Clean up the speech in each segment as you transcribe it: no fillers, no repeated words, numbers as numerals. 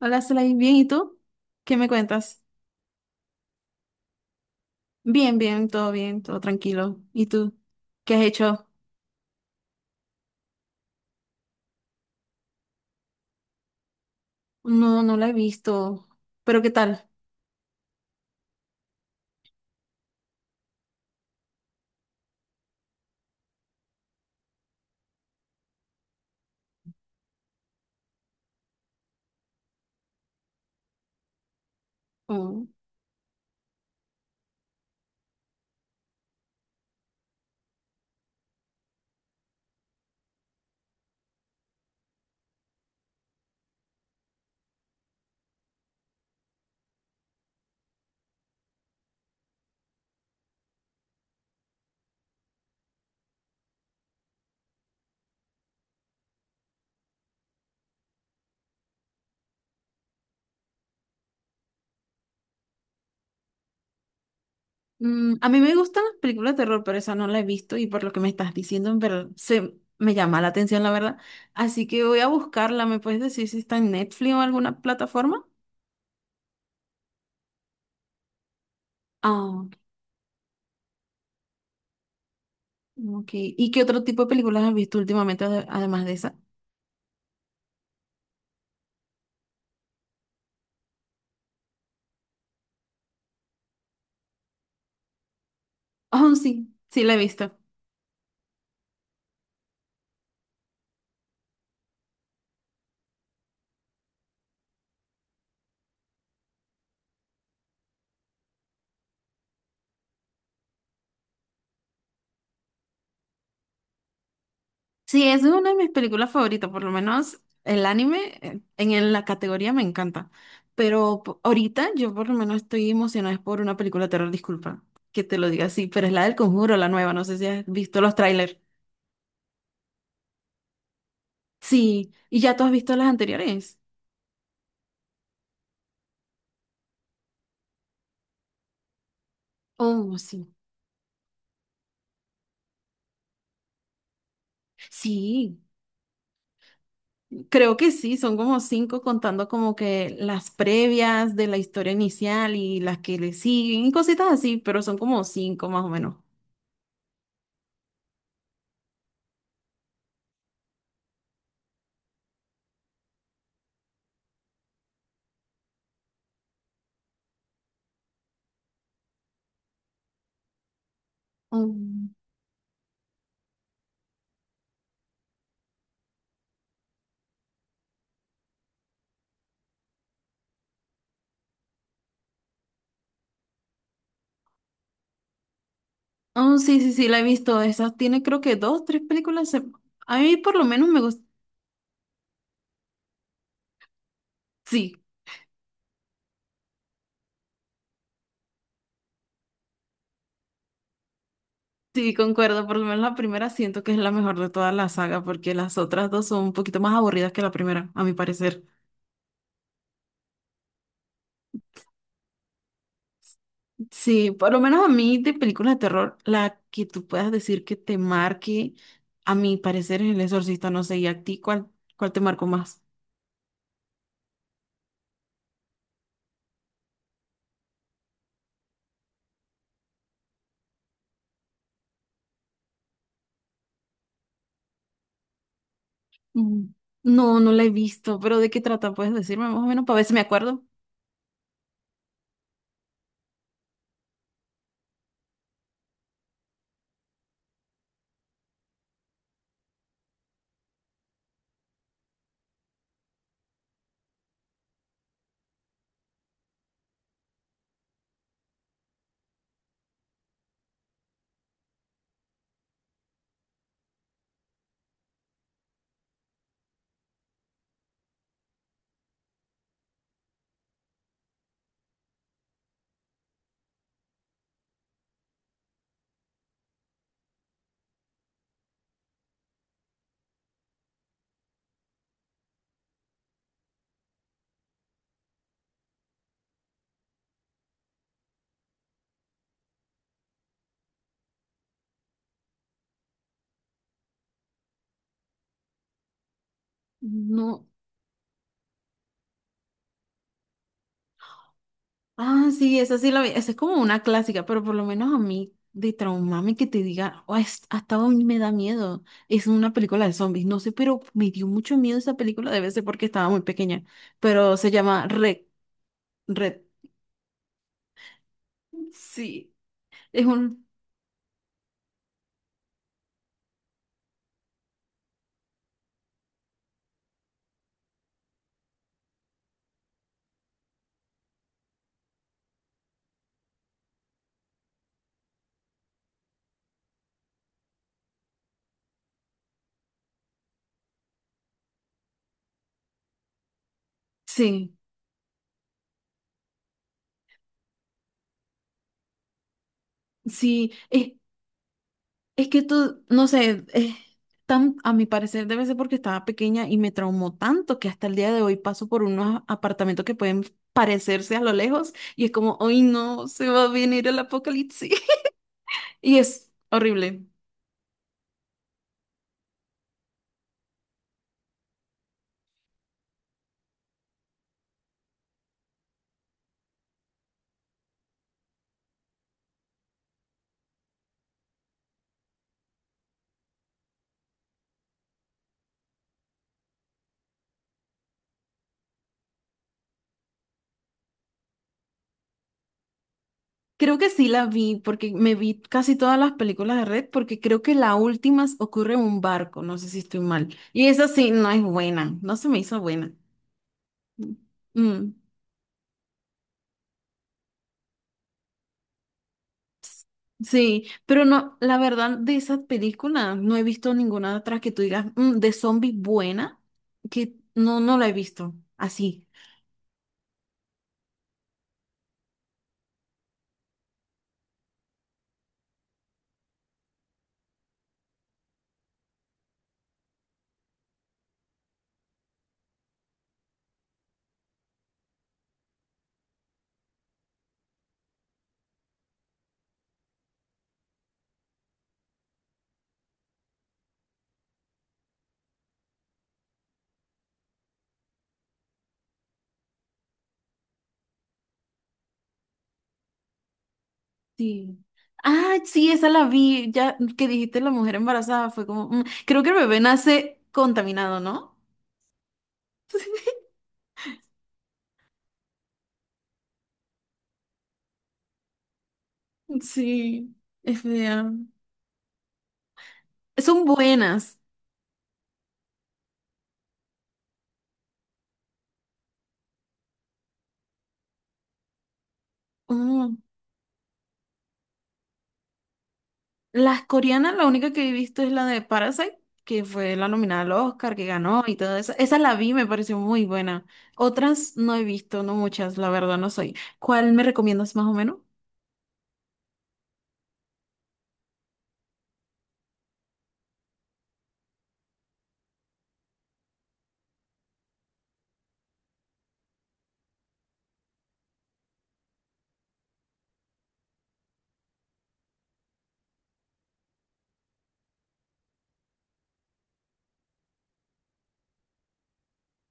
Hola, Slay, bien, ¿y tú? ¿Qué me cuentas? Bien, bien, todo tranquilo. ¿Y tú? ¿Qué has hecho? No, no la he visto. ¿Pero qué tal? Oh. A mí me gustan las películas de terror, pero esa no la he visto y por lo que me estás diciendo, pero se me llama la atención, la verdad. Así que voy a buscarla. ¿Me puedes decir si está en Netflix o alguna plataforma? Ah, ok. Ok. ¿Y qué otro tipo de películas has visto últimamente además de esa? Oh, sí, sí la he visto. Sí, es una de mis películas favoritas, por lo menos el anime en la categoría me encanta. Pero ahorita yo por lo menos estoy emocionada es por una película de terror, disculpa que te lo diga así, pero es la del Conjuro, la nueva, no sé si has visto los trailers. Sí, ¿y ya tú has visto las anteriores? Oh, sí. Sí, creo que sí, son como cinco contando como que las previas de la historia inicial y las que le siguen y cositas así, pero son como cinco más o menos. Oh, sí, sí, sí, la he visto. Esa tiene creo que dos, tres películas. A mí por lo menos me gusta. Sí, sí, concuerdo. Por lo menos la primera siento que es la mejor de toda la saga porque las otras dos son un poquito más aburridas que la primera, a mi parecer. Sí, por lo menos a mí de películas de terror, la que tú puedas decir que te marque, a mi parecer es El Exorcista, no sé, ¿y a ti cuál, cuál te marcó más? Mm. No, no la he visto, pero ¿de qué trata? ¿Puedes decirme más o menos para ver si me acuerdo? No. Ah, sí, esa sí la vi. Esa es como una clásica, pero por lo menos a mí, de traumame que te diga: "Oh, hasta hoy me da miedo". Es una película de zombies, no sé, pero me dio mucho miedo esa película, debe ser porque estaba muy pequeña. Pero se llama Red. Red. Sí, es un. Sí, sí. Es. Es que tú, no sé, a mi parecer debe ser porque estaba pequeña y me traumó tanto que hasta el día de hoy paso por unos apartamentos que pueden parecerse a lo lejos y es como, hoy no, se va a venir el apocalipsis. Y es horrible. Creo que sí la vi porque me vi casi todas las películas de Red porque creo que la última ocurre en un barco, no sé si estoy mal. Y esa sí no es buena, no se me hizo buena. Mm. Sí, pero no, la verdad de esas películas no he visto ninguna otra que tú digas: "Mm, de zombie buena", que no, no la he visto así. Sí. Ah, sí, esa la vi, ya que dijiste la mujer embarazada, fue como: "Mm, creo que el bebé nace contaminado, ¿no?". Sí, es fea. Son buenas. Mm. Las coreanas, la única que he visto es la de Parasite, que fue la nominada al Oscar, que ganó y todo eso. Esa la vi, me pareció muy buena. Otras no he visto, no muchas, la verdad no soy. ¿Cuál me recomiendas más o menos?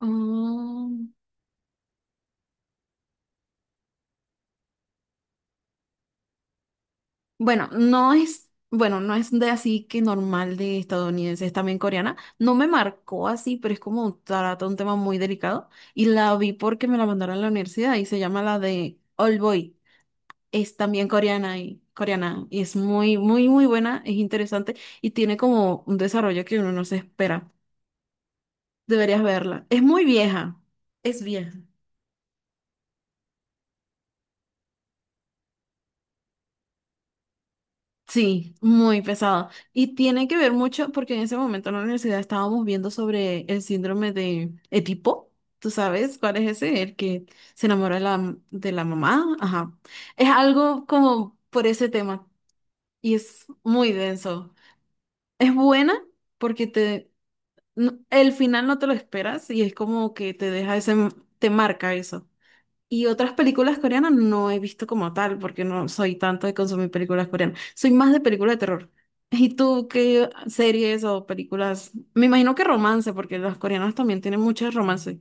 Mm, bueno, no es, bueno, no es de así que normal de estadounidense, es también coreana. No me marcó así, pero es como trata un tema muy delicado. Y la vi porque me la mandaron a la universidad y se llama la de All Boy. Es también coreana y coreana y es muy, muy, muy buena, es interesante y tiene como un desarrollo que uno no se espera. Deberías verla. Es muy vieja, es vieja. Sí, muy pesada. Y tiene que ver mucho porque en ese momento en la universidad estábamos viendo sobre el síndrome de Edipo. ¿Tú sabes cuál es ese? El que se enamora de de la mamá. Ajá. Es algo como por ese tema y es muy denso. Es buena porque te el final no te lo esperas y es como que te deja ese, te marca eso. Y otras películas coreanas no he visto como tal, porque no soy tanto de consumir películas coreanas. Soy más de películas de terror. ¿Y tú qué series o películas? Me imagino que romance, porque las coreanas también tienen muchos romances.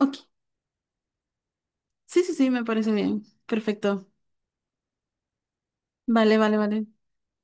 Ok, sí, sí, sí, me parece bien. Perfecto. Vale, vale, vale.